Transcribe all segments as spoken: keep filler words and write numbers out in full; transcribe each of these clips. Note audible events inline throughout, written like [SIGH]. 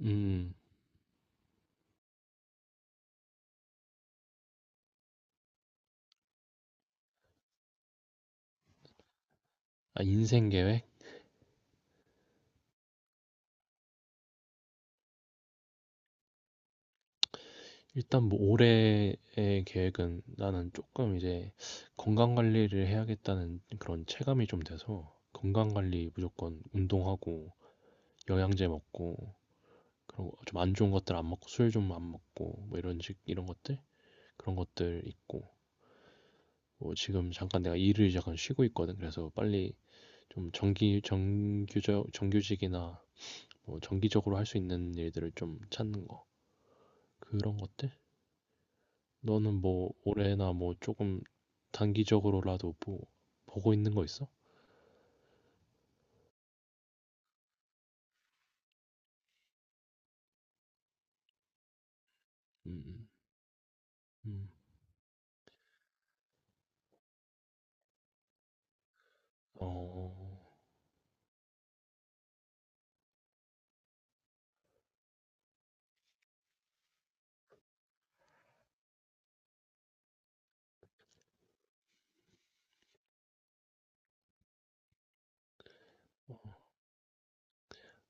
음, 아, 인생 계획? 일단 뭐 올해의 계획은 나는 조금 이제 건강 관리를 해야겠다는 그런 체감이 좀 돼서 건강 관리 무조건 운동하고 영양제 먹고 그리고 좀 안 좋은 것들 안 먹고 술 좀 안 먹고 뭐 이런 식 이런 것들 그런 것들 있고 뭐 지금 잠깐 내가 일을 잠깐 쉬고 있거든. 그래서 빨리 좀 정기 정규적 정규직이나 뭐 정기적으로 할 수 있는 일들을 좀 찾는 거 그런 것들. 너는 뭐 올해나 뭐 조금 단기적으로라도 뭐 보고 있는 거 있어? 음. 음. 음. 어, 어,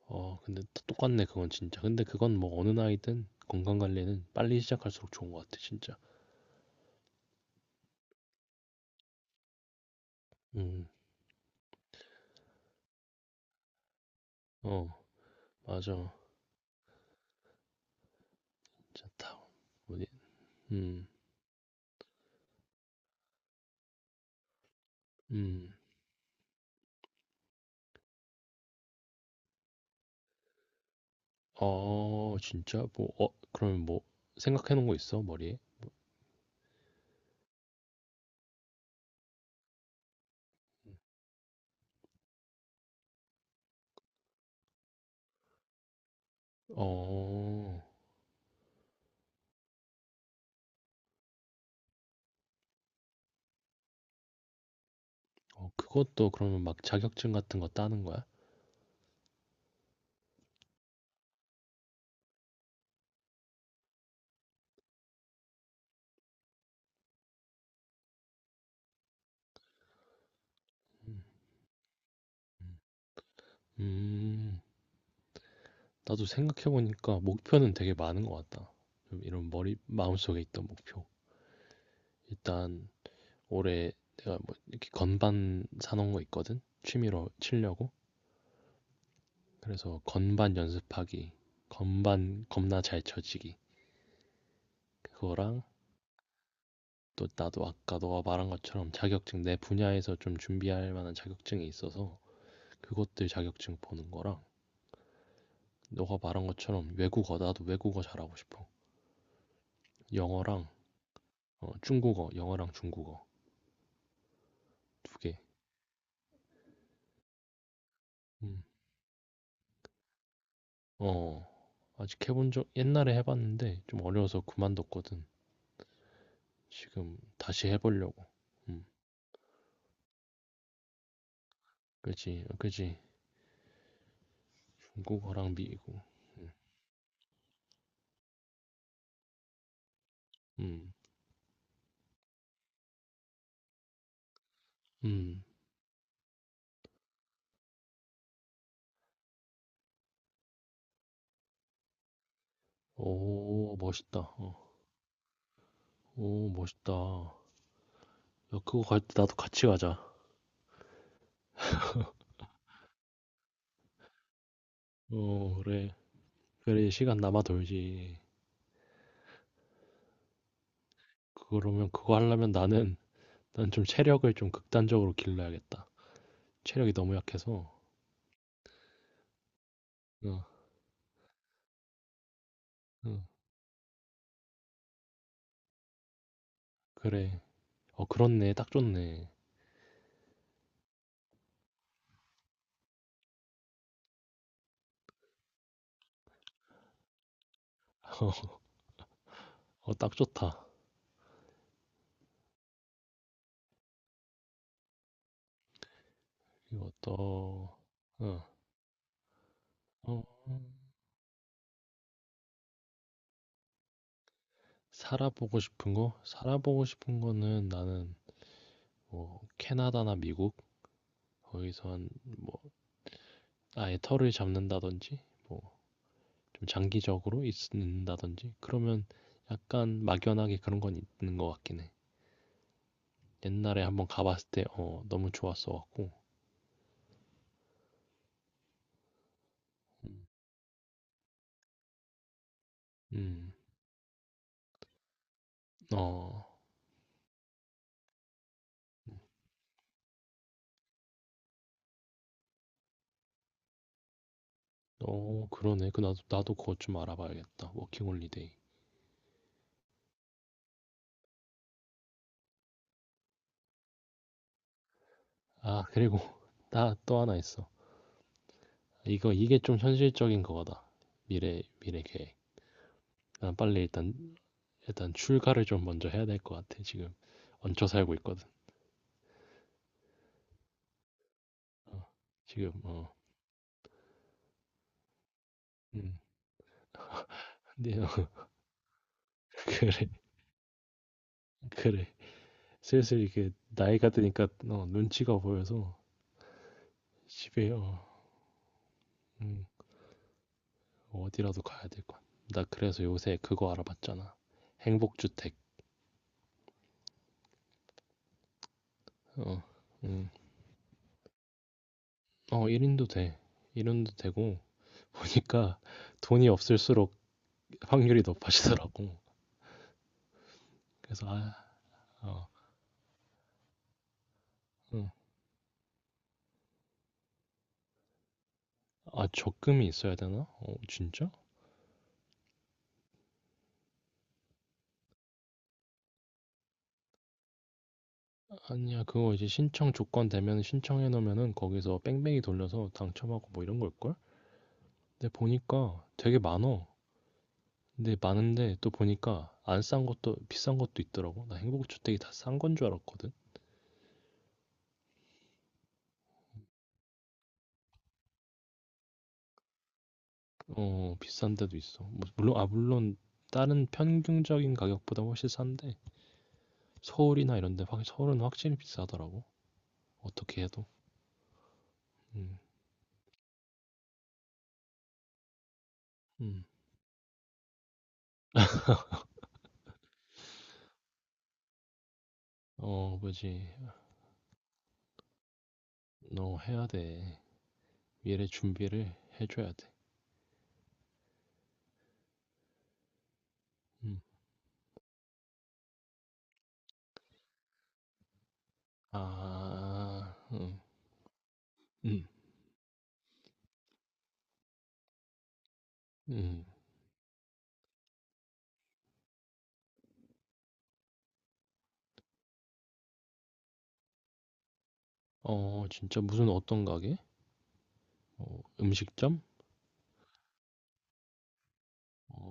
어. 근데 다 똑같네 그건 진짜. 근데 그건 뭐 어느 나이든 건강 관리는 빨리 시작할수록 좋은 것 같아 진짜. 음, 어, 맞아. 뭐지? 음. 음. 어, 진짜? 뭐, 어, 그러면 뭐 생각해 놓은 거 있어 머리에? 어, 어, 그것도 그러면 막 자격증 같은 거 따는 거야? 음. 나도 생각해보니까 목표는 되게 많은 것 같다. 좀 이런 머리, 마음속에 있던 목표. 일단 올해 내가 뭐 이렇게 건반 사놓은 거 있거든? 취미로 치려고. 그래서 건반 연습하기, 건반 겁나 잘 쳐지기. 그거랑 또 나도 아까 너가 말한 것처럼 자격증 내 분야에서 좀 준비할 만한 자격증이 있어서 그것들 자격증 보는 거랑 너가 말한 것처럼 외국어, 나도 외국어 잘하고 싶어. 영어랑 어, 중국어, 영어랑 중국어 두 개. 음. 어. 아직 해본적 옛날에 해 봤는데 좀 어려워서 그만뒀거든. 지금 다시 해 보려고. 음. 그지. 어, 그지. 중국어랑 미국. 음. 음. 오, 멋있다. 어. 오, 멋있다. 야, 그거 갈 때 나도 같이 가자. 어, 그래. 그래, 시간 남아 돌지. 그러면 그거 하려면 나는 난 좀 체력을 좀 극단적으로 길러야겠다. 체력이 너무 약해서. 어. 어. 그래. 어, 그렇네. 딱 좋네. [LAUGHS] 어, 딱 좋다. 그리고 또, 어, 어, 살아보고 싶은 거? 살아보고 싶은 거는 나는 뭐 캐나다나 미국, 거기서 한, 뭐 아예 터를 잡는다든지 뭐 좀 장기적으로 있는다든지, 그러면 약간 막연하게 그런 건 있는 것 같긴 해. 옛날에 한번 가봤을 때 어, 너무 좋았어 갖고. 음, 어, 어, 그러네. 그 나도 나도 그것 좀 알아봐야겠다. 워킹 홀리데이. 아, 그리고 [LAUGHS] 나 또 하나 있어. 이거 이게 좀 현실적인 거다. 미래 미래 계획. 난 빨리 일단 일단 출가를 좀 먼저 해야 될 것 같아. 지금 얹혀 살고 있거든. 어, 지금 어. 음. 근데 어, [LAUGHS] 그래, 그래. 슬슬 이게 나이가 드니까 어, 눈치가 보여서 집에 어, 음, 어디라도 가야 될 것 같아. 나 그래서 요새 그거 알아봤잖아. 행복주택. 어. 음. 어, 일 인도 돼. 일 인도 되고 보니까 돈이 없을수록 확률이 높아지더라고. 그래서 아, 아, 응. 아, 적금이 있어야 되나? 어, 진짜? 아니야, 그거 이제 신청 조건 되면 신청해 놓으면은 거기서 뺑뺑이 돌려서 당첨하고 뭐 이런 걸걸? 근데 보니까 되게 많어. 근데 많은데 또 보니까 안 싼 것도 비싼 것도 있더라고. 나 행복주택이 다 싼 건 줄 알았거든. 어, 비싼 데도 있어. 뭐, 물론, 아 물론 다른 평균적인 가격보다 훨씬 싼데 서울이나 이런 데 확, 서울은 확실히 비싸더라고. 어떻게 해도. 음. 음. 어, 뭐지? 너 해야 돼. 미래 준비를 해줘야 돼. 음. 아, 음, 음, 음. 어, 진짜 무슨 어떤 가게? 어, 음식점? 어,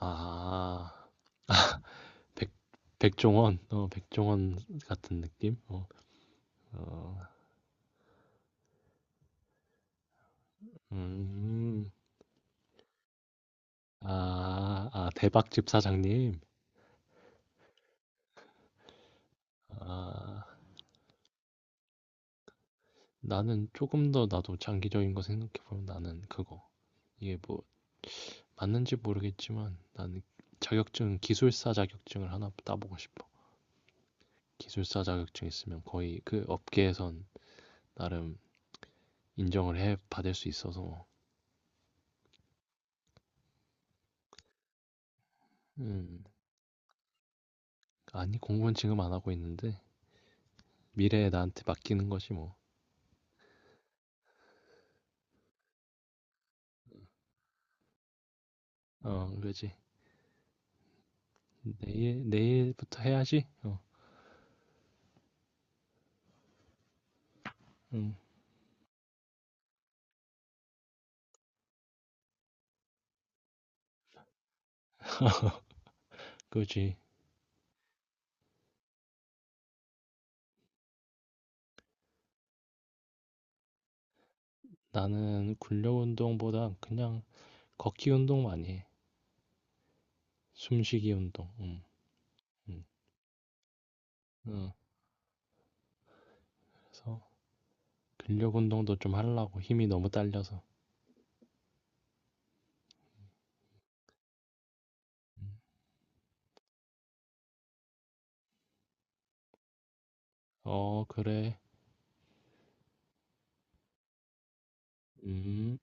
아, 백, 백종원, 어, 백종원 같은 느낌? 어, 어, 음, 아, 아, 대박집 사장님. 아, 나는 조금 더, 나도 장기적인 거 생각해보면 나는 그거. 이게 뭐, 맞는지 모르겠지만 나는 자격증, 기술사 자격증을 하나 따보고 싶어. 기술사 자격증 있으면 거의 그 업계에선 나름 인정을 해 받을 수 있어서 뭐. 음. 아니 공부는 지금 안 하고 있는데 미래에 나한테 맡기는 거지 뭐. 어, 그지. 내일 내일부터 해야지. 어음, 그지. 나는 근력 운동보다 그냥 걷기 운동 많이 해. 숨쉬기 운동. 음. 음. 어, 그래서 근력 운동도 좀 하려고. 힘이 너무 딸려서. 어, 그래. 음